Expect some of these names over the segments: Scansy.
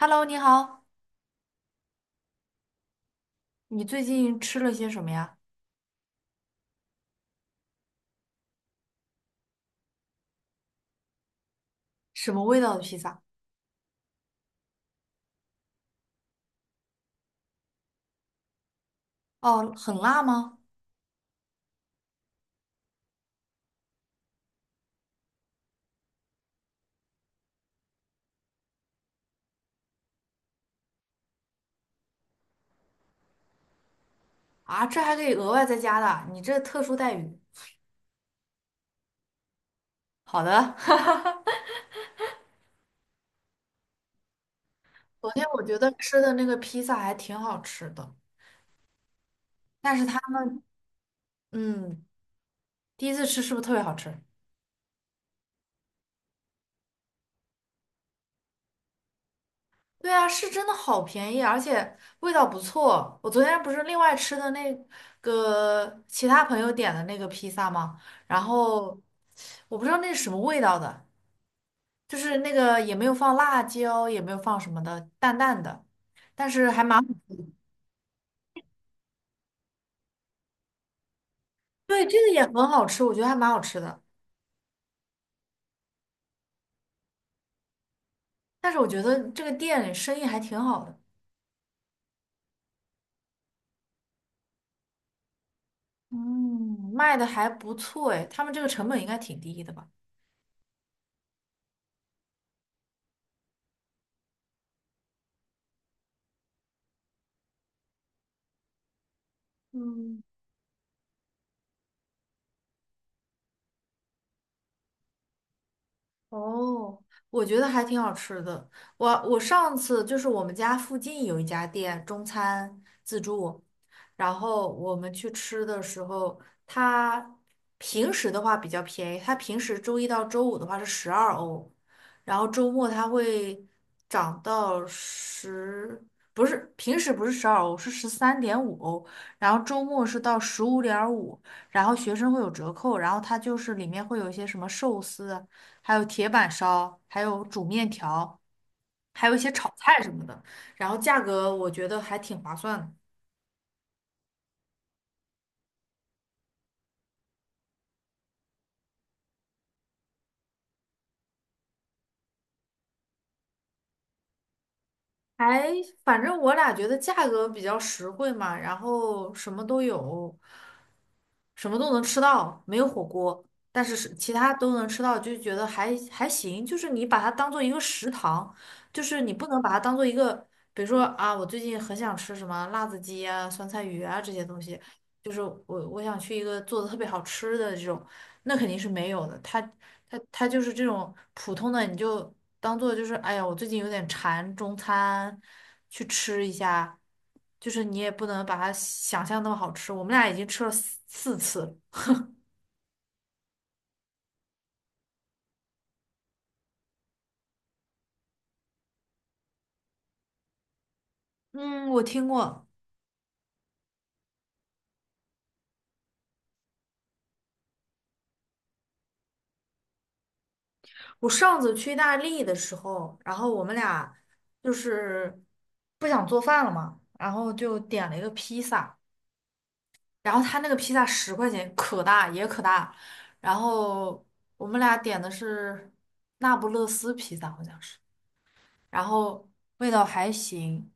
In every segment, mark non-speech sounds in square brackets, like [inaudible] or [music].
Hello，你好，你最近吃了些什么呀？什么味道的披萨？哦，很辣吗？啊，这还可以额外再加的啊，你这特殊待遇。好的，[laughs] 昨天我觉得吃的那个披萨还挺好吃的，但是他们，嗯，第一次吃是不是特别好吃？对啊，是真的好便宜，而且味道不错。我昨天不是另外吃的那个其他朋友点的那个披萨吗？然后我不知道那是什么味道的，就是那个也没有放辣椒，也没有放什么的，淡淡的，但是还蛮，对，这个也很好吃，我觉得还蛮好吃的。但是我觉得这个店生意还挺好的，嗯，卖的还不错哎，他们这个成本应该挺低的吧？嗯，哦，我觉得还挺好吃的。我上次就是我们家附近有一家店中餐自助，然后我们去吃的时候，它平时的话比较便宜，它平时周一到周五的话是十二欧，然后周末它会涨到十，不是，平时不是十二欧，是13.5欧，然后周末是到15.5，然后学生会有折扣，然后它就是里面会有一些什么寿司。还有铁板烧，还有煮面条，还有一些炒菜什么的。然后价格我觉得还挺划算的，还反正我俩觉得价格比较实惠嘛，然后什么都有，什么都能吃到，没有火锅，但是是其他都能吃到，就觉得还行。就是你把它当做一个食堂，就是你不能把它当做一个，比如说啊，我最近很想吃什么辣子鸡啊、酸菜鱼啊这些东西，就是我想去一个做的特别好吃的这种，那肯定是没有的。它就是这种普通的，你就。当做就是哎呀，我最近有点馋中餐，去吃一下。就是你也不能把它想象那么好吃，我们俩已经吃了四次了嗯，我听过。我上次去意大利的时候，然后我们俩就是不想做饭了嘛，然后就点了一个披萨，然后他那个披萨10块钱，可大也可大。然后我们俩点的是那不勒斯披萨，好像是，然后味道还行。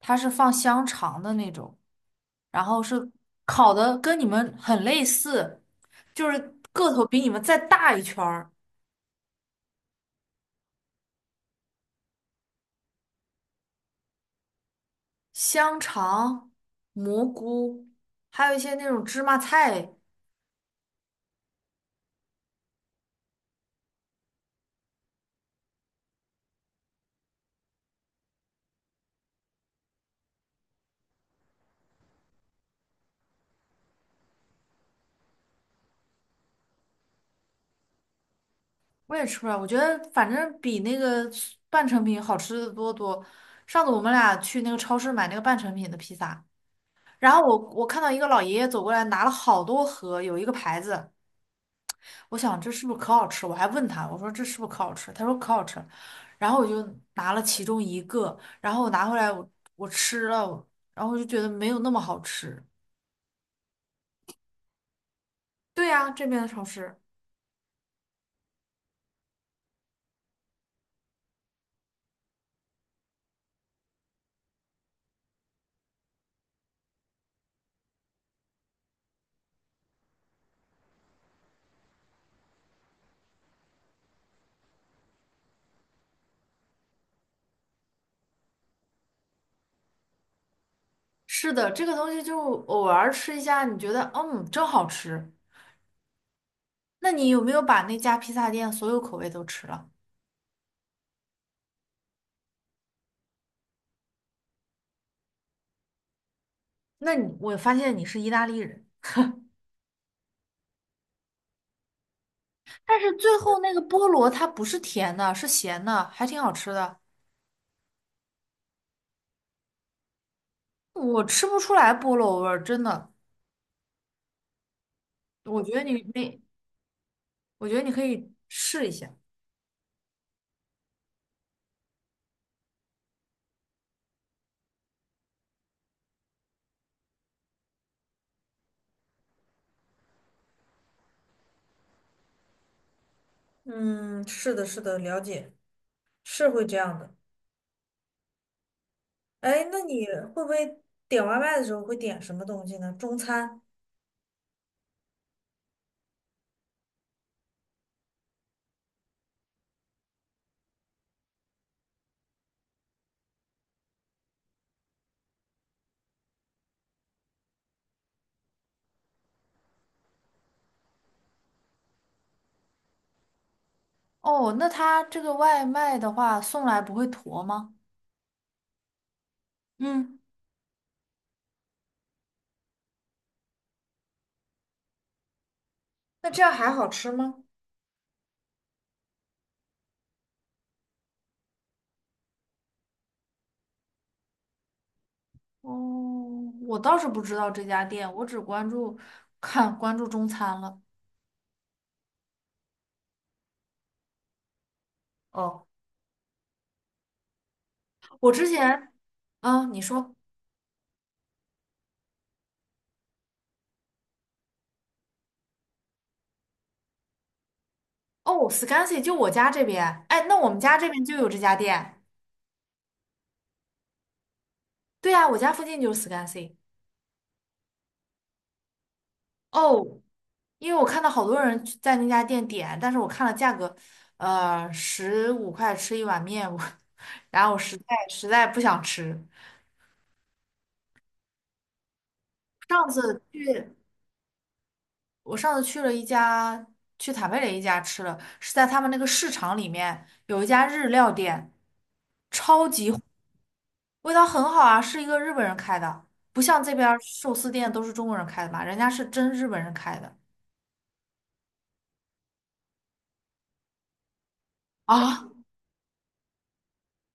它是放香肠的那种，然后是烤的跟你们很类似，就是个头比你们再大一圈儿，香肠、蘑菇，还有一些那种芝麻菜，我也吃不了，我觉得反正比那个半成品好吃的多。上次我们俩去那个超市买那个半成品的披萨，然后我看到一个老爷爷走过来拿了好多盒，有一个牌子。我想这是不是可好吃？我还问他，我说这是不是可好吃？他说可好吃。然后我就拿了其中一个，然后我拿回来我吃了，然后我就觉得没有那么好吃。对呀，这边的超市。是的，这个东西就偶尔吃一下，你觉得嗯真好吃。那你有没有把那家披萨店所有口味都吃了？那你我发现你是意大利人，但是最后那个菠萝它不是甜的，是咸的，还挺好吃的。我吃不出来菠萝味儿，真的。我觉得你那我觉得你可以试一下。嗯，是的，是的，了解，是会这样的。哎，那你会不会点外卖的时候会点什么东西呢？中餐？哦，那他这个外卖的话送来不会坨吗？嗯，那这样还好吃吗？哦，我倒是不知道这家店，我只关注看关注中餐了。哦，我之前，啊，你说，哦，Scansy 就我家这边，哎，那我们家这边就有这家店。对啊，我家附近就是 Scansy。哦，因为我看到好多人去在那家店点，但是我看了价格，15块吃一碗面，我 [laughs] 然后我实在实在不想吃。上次去，我上次去了一家，去坦贝雷一家吃了，是在他们那个市场里面有一家日料店，超级火味道很好啊，是一个日本人开的，不像这边儿寿司店都是中国人开的嘛，人家是真日本人开的啊，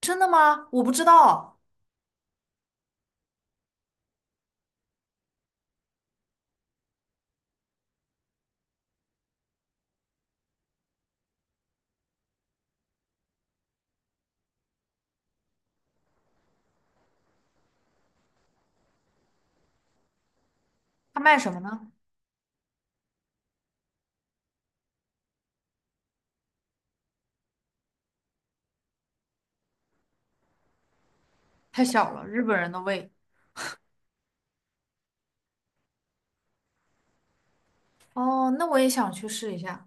真的吗？我不知道，他卖什么呢？太小了，日本人的胃。哦，那我也想去试一下。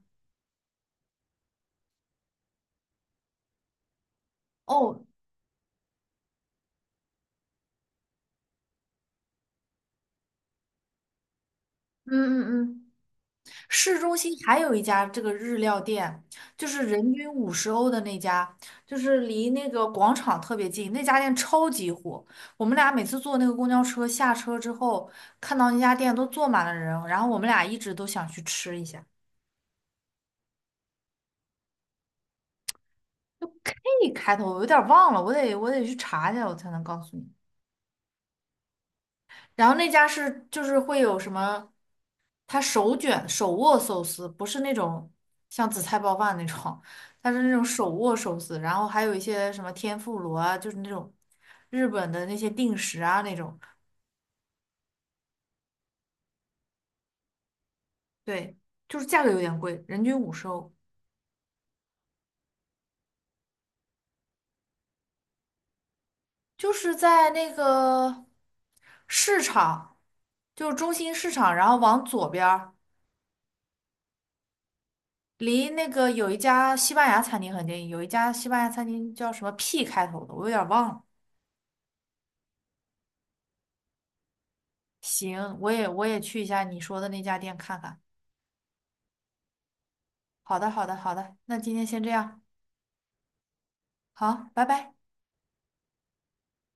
哦，嗯嗯嗯，市中心还有一家这个日料店，就是人均五十欧的那家，就是离那个广场特别近，那家店超级火。我们俩每次坐那个公交车下车之后，看到那家店都坐满了人，然后我们俩一直都想去吃一下。就 K 开头，我有点忘了，我得去查一下，我才能告诉你。然后那家是就是会有什么，它手卷手握寿司，不是那种像紫菜包饭那种，它是那种手握寿司，然后还有一些什么天妇罗啊，就是那种日本的那些定食啊那种，对，就是价格有点贵，人均五十欧，就是在那个市场，就是中心市场，然后往左边儿。离那个有一家西班牙餐厅很近，有一家西班牙餐厅叫什么 P 开头的，我有点忘了。行，我也去一下你说的那家店看看。好的，好的，好的，那今天先这样，好，拜拜。